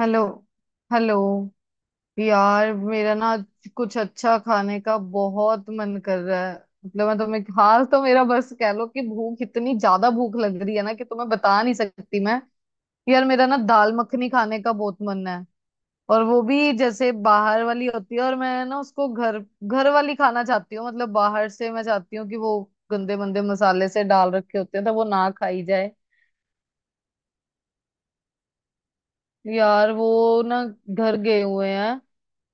Hello. Hello. यार मेरा ना आज कुछ अच्छा खाने का बहुत मन कर रहा है। मतलब मैं तुम्हें हाल तो मेरा बस कह लो कि भूख इतनी ज्यादा भूख लग रही है ना कि तुम्हें बता नहीं सकती मैं। यार मेरा ना दाल मखनी खाने का बहुत मन है। और वो भी जैसे बाहर वाली होती है, और मैं ना उसको घर घर वाली खाना चाहती हूँ। मतलब बाहर से मैं चाहती हूँ कि वो गंदे मंदे मसाले से डाल रखे होते हैं, तो वो ना खाई जाए। यार वो ना घर गए हुए हैं,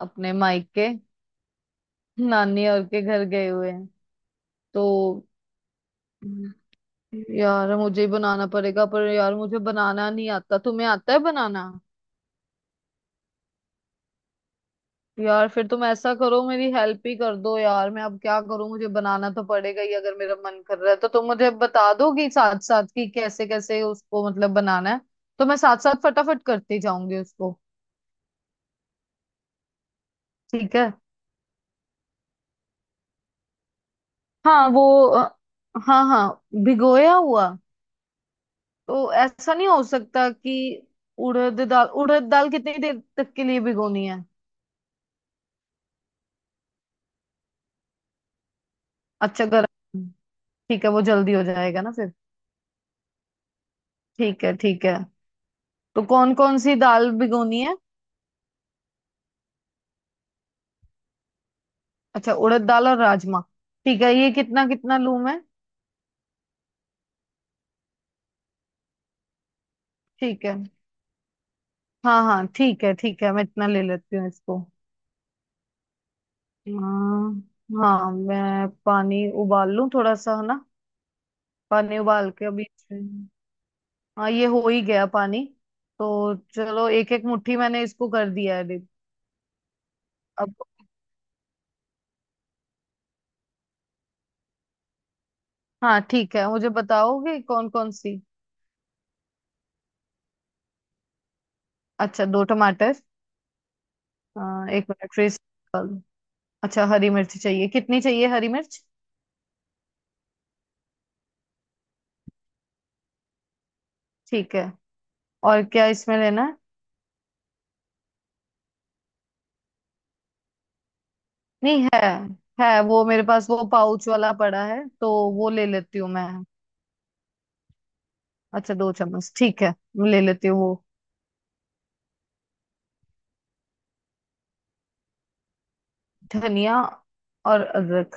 अपने मायके। नानी और के घर गए हुए हैं। तो यार मुझे ही बनाना पड़ेगा, पर यार मुझे बनाना नहीं आता। तुम्हें आता है बनाना? यार फिर तुम ऐसा करो, मेरी हेल्प ही कर दो। यार मैं अब क्या करूं, मुझे बनाना तो पड़ेगा ही अगर मेरा मन कर रहा है। तो तुम मुझे बता दोगी साथ साथ कि कैसे कैसे उसको मतलब बनाना है। तो मैं साथ साथ फटाफट करती जाऊंगी उसको। ठीक है। हाँ वो अ, हाँ हाँ, भिगोया हुआ। तो ऐसा नहीं हो सकता कि उड़द दाल कितनी देर तक के लिए भिगोनी है? अच्छा गर्म। ठीक है, वो जल्दी हो जाएगा ना फिर। ठीक है ठीक है। तो कौन कौन सी दाल भिगोनी है? अच्छा, उड़द दाल और राजमा। ठीक है, ये कितना कितना लूं मैं? ठीक है। हाँ हाँ ठीक है ठीक है, मैं इतना ले लेती हूँ इसको। हाँ हाँ, मैं पानी उबाल लूं थोड़ा सा, है ना? पानी उबाल के अभी। हाँ, ये हो ही गया पानी। तो चलो, एक एक मुट्ठी मैंने इसको कर दिया है। अब हाँ ठीक है, मुझे बताओगे कौन कौन सी। अच्छा, दो टमाटर। अ, एक मिनट फ्रीज कर लूं। अच्छा हरी मिर्च चाहिए, कितनी चाहिए हरी मिर्च? ठीक है। और क्या इसमें लेना है? नहीं है। है वो मेरे पास, वो पाउच वाला पड़ा है, तो वो ले लेती हूँ मैं। अच्छा दो चम्मच, ठीक है मैं ले लेती हूँ वो। धनिया और अदरक।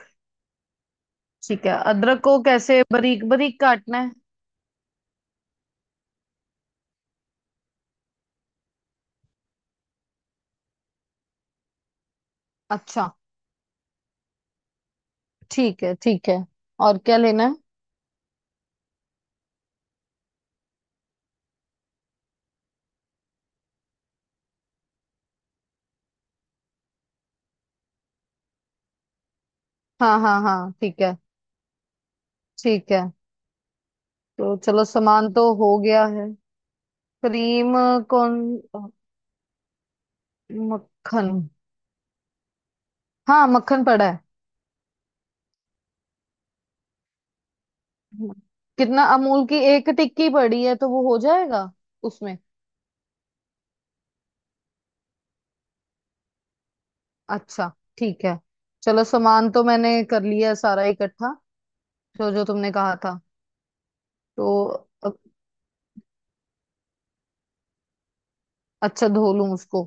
ठीक है, अदरक को कैसे बारीक बारीक काटना है? अच्छा। ठीक है ठीक है। और क्या लेना है? हाँ हाँ हाँ ठीक है ठीक है। तो चलो, सामान तो हो गया है। क्रीम? कौन? मक्खन? हाँ मक्खन पड़ा है। कितना? अमूल की एक टिक्की पड़ी है, तो वो हो जाएगा उसमें। अच्छा, ठीक है। चलो, सामान तो मैंने कर लिया है सारा इकट्ठा, जो जो तुमने कहा था। तो अब- अच्छा, धो लूं उसको।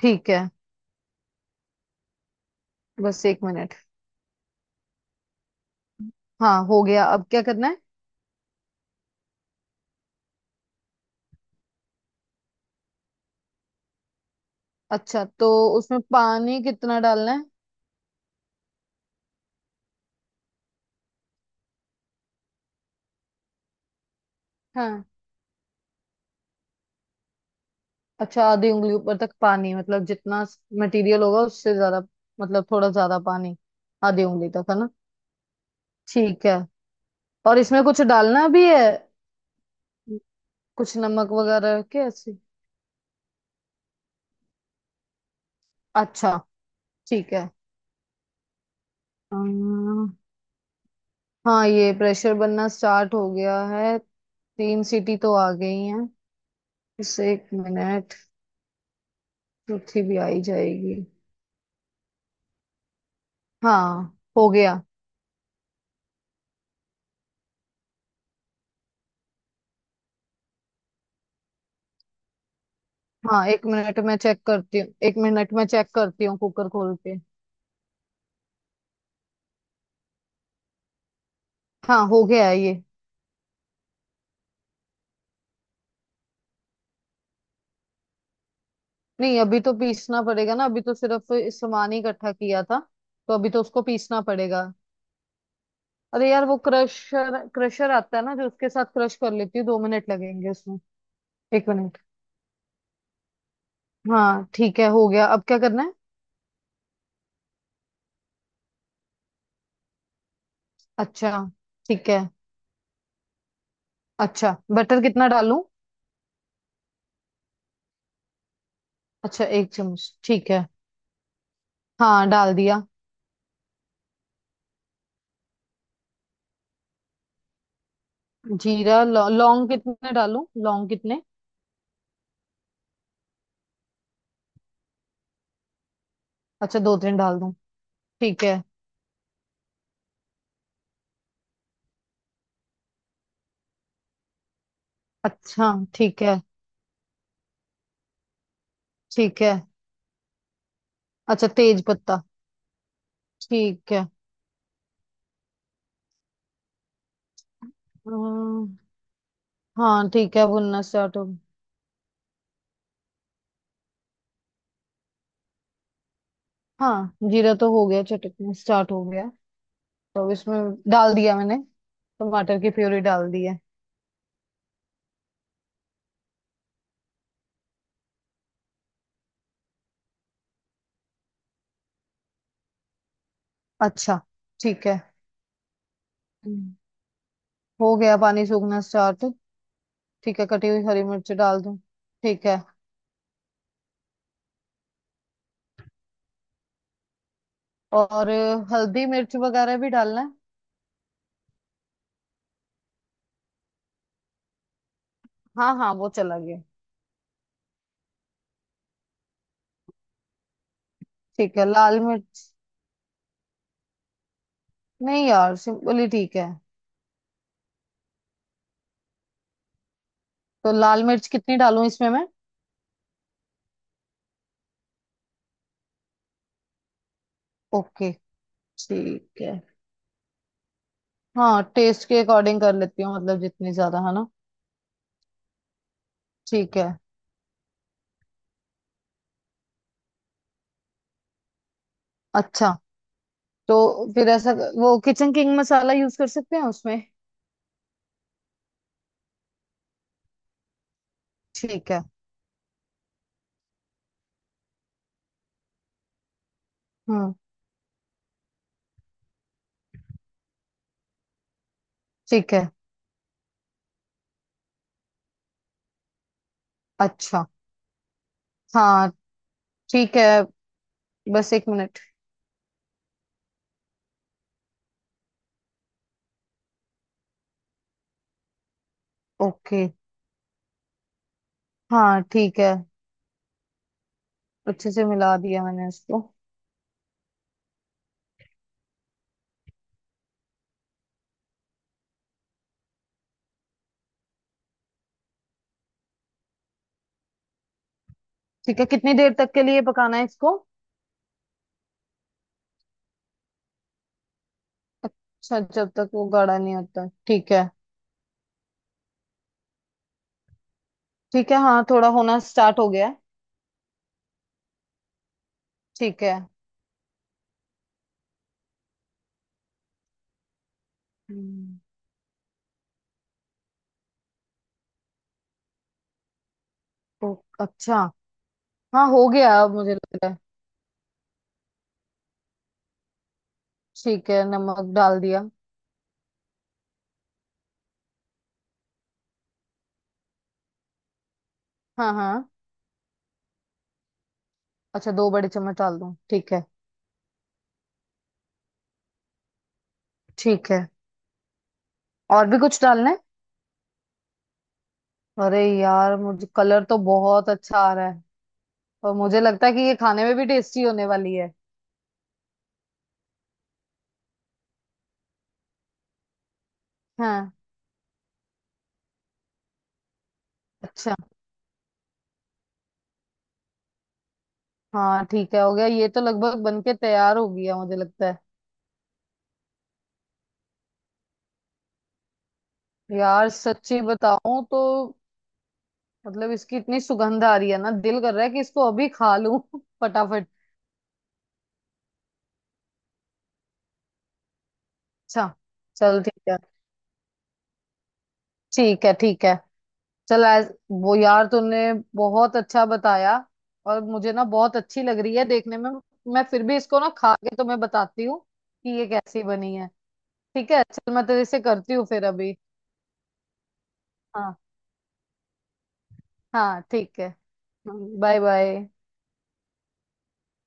ठीक है, बस एक मिनट। हाँ हो गया, अब क्या करना है? अच्छा, तो उसमें पानी कितना डालना है? हाँ अच्छा, आधी उंगली ऊपर तक पानी, मतलब जितना मटेरियल होगा उससे ज्यादा, मतलब थोड़ा ज्यादा पानी। आधी उंगली तक, है ना? ठीक है। और इसमें कुछ डालना भी है? कुछ नमक वगैरह के ऐसे? अच्छा, ठीक है। अम्म, हाँ ये प्रेशर बनना स्टार्ट हो गया है। तीन सीटी तो आ गई हैं, बस एक मिनट, चौथी भी आई जाएगी। हाँ, हो गया। हाँ, एक मिनट में चेक करती हूँ, एक मिनट में चेक करती हूँ कुकर खोल के। हाँ, हो गया है ये। नहीं, अभी तो पीसना पड़ेगा ना, अभी तो सिर्फ सामान ही इकट्ठा किया था। तो अभी तो उसको पीसना पड़ेगा। अरे यार, वो क्रशर क्रशर आता है ना, जो उसके साथ क्रश कर लेती हूँ, दो मिनट लगेंगे उसमें। एक मिनट। हाँ ठीक है, हो गया, अब क्या करना है? अच्छा, ठीक है। अच्छा बटर कितना डालूं? अच्छा एक चम्मच, ठीक है। हाँ डाल दिया। जीरा लौंग कितने डालूं, लौंग कितने? अच्छा दो तीन डाल दूं, ठीक है। अच्छा, ठीक है ठीक है। अच्छा तेज पत्ता, ठीक है। अम, हाँ ठीक है, भुनना स्टार्ट हो। हाँ, जीरा तो हो गया चटकना स्टार्ट हो गया। तो अब इसमें डाल दिया मैंने, टमाटर की प्योरी डाल दी है। अच्छा ठीक है। हम्म, हो गया, पानी सूखना स्टार्ट। ठीक है, कटी हुई हरी मिर्च डाल दूं, ठीक है। और हल्दी मिर्च वगैरह भी डालना है? हाँ हाँ, वो चला गया। ठीक है, लाल मिर्च। नहीं यार, सिंपली ठीक है। तो लाल मिर्च कितनी डालूं इसमें मैं? ओके, ठीक है। हाँ, टेस्ट के अकॉर्डिंग कर लेती हूँ, मतलब जितनी ज्यादा है ना। ठीक है। अच्छा, तो फिर ऐसा वो किचन किंग मसाला यूज कर सकते हैं उसमें? ठीक है। हम्म। ठीक है। अच्छा। हाँ ठीक है, बस एक मिनट। ओके। हाँ ठीक है, अच्छे से मिला दिया मैंने इसको। ठीक है, कितनी देर तक के लिए पकाना है इसको? अच्छा, जब तक वो गाढ़ा नहीं होता, ठीक है। ठीक है, हाँ थोड़ा होना स्टार्ट हो गया है। ठीक है। हम्म, ओ, अच्छा। हाँ हो गया, अब मुझे लग रहा है। ठीक है, नमक डाल दिया। हाँ हाँ। अच्छा दो बड़े चम्मच डाल दूं, ठीक है। ठीक है। और भी कुछ डालना है? अरे यार, मुझे कलर तो बहुत अच्छा आ रहा है, और मुझे लगता है कि ये खाने में भी टेस्टी होने वाली है। हाँ। अच्छा। हाँ ठीक है, हो गया, ये तो लगभग बन के तैयार हो गया मुझे लगता है। यार सच्ची बताऊं तो मतलब इसकी इतनी सुगंध आ रही है ना, दिल कर रहा है कि इसको अभी खा लूं फटाफट। अच्छा, चल ठीक है। ठीक है ठीक है। चल आज वो यार तूने बहुत अच्छा बताया, और मुझे ना बहुत अच्छी लग रही है देखने में। मैं फिर भी इसको ना खा के तुम्हें बताती हूँ कि ये कैसी बनी है। ठीक है, चल मैं तेरे से करती हूँ फिर अभी। हाँ हाँ ठीक है। Bye bye.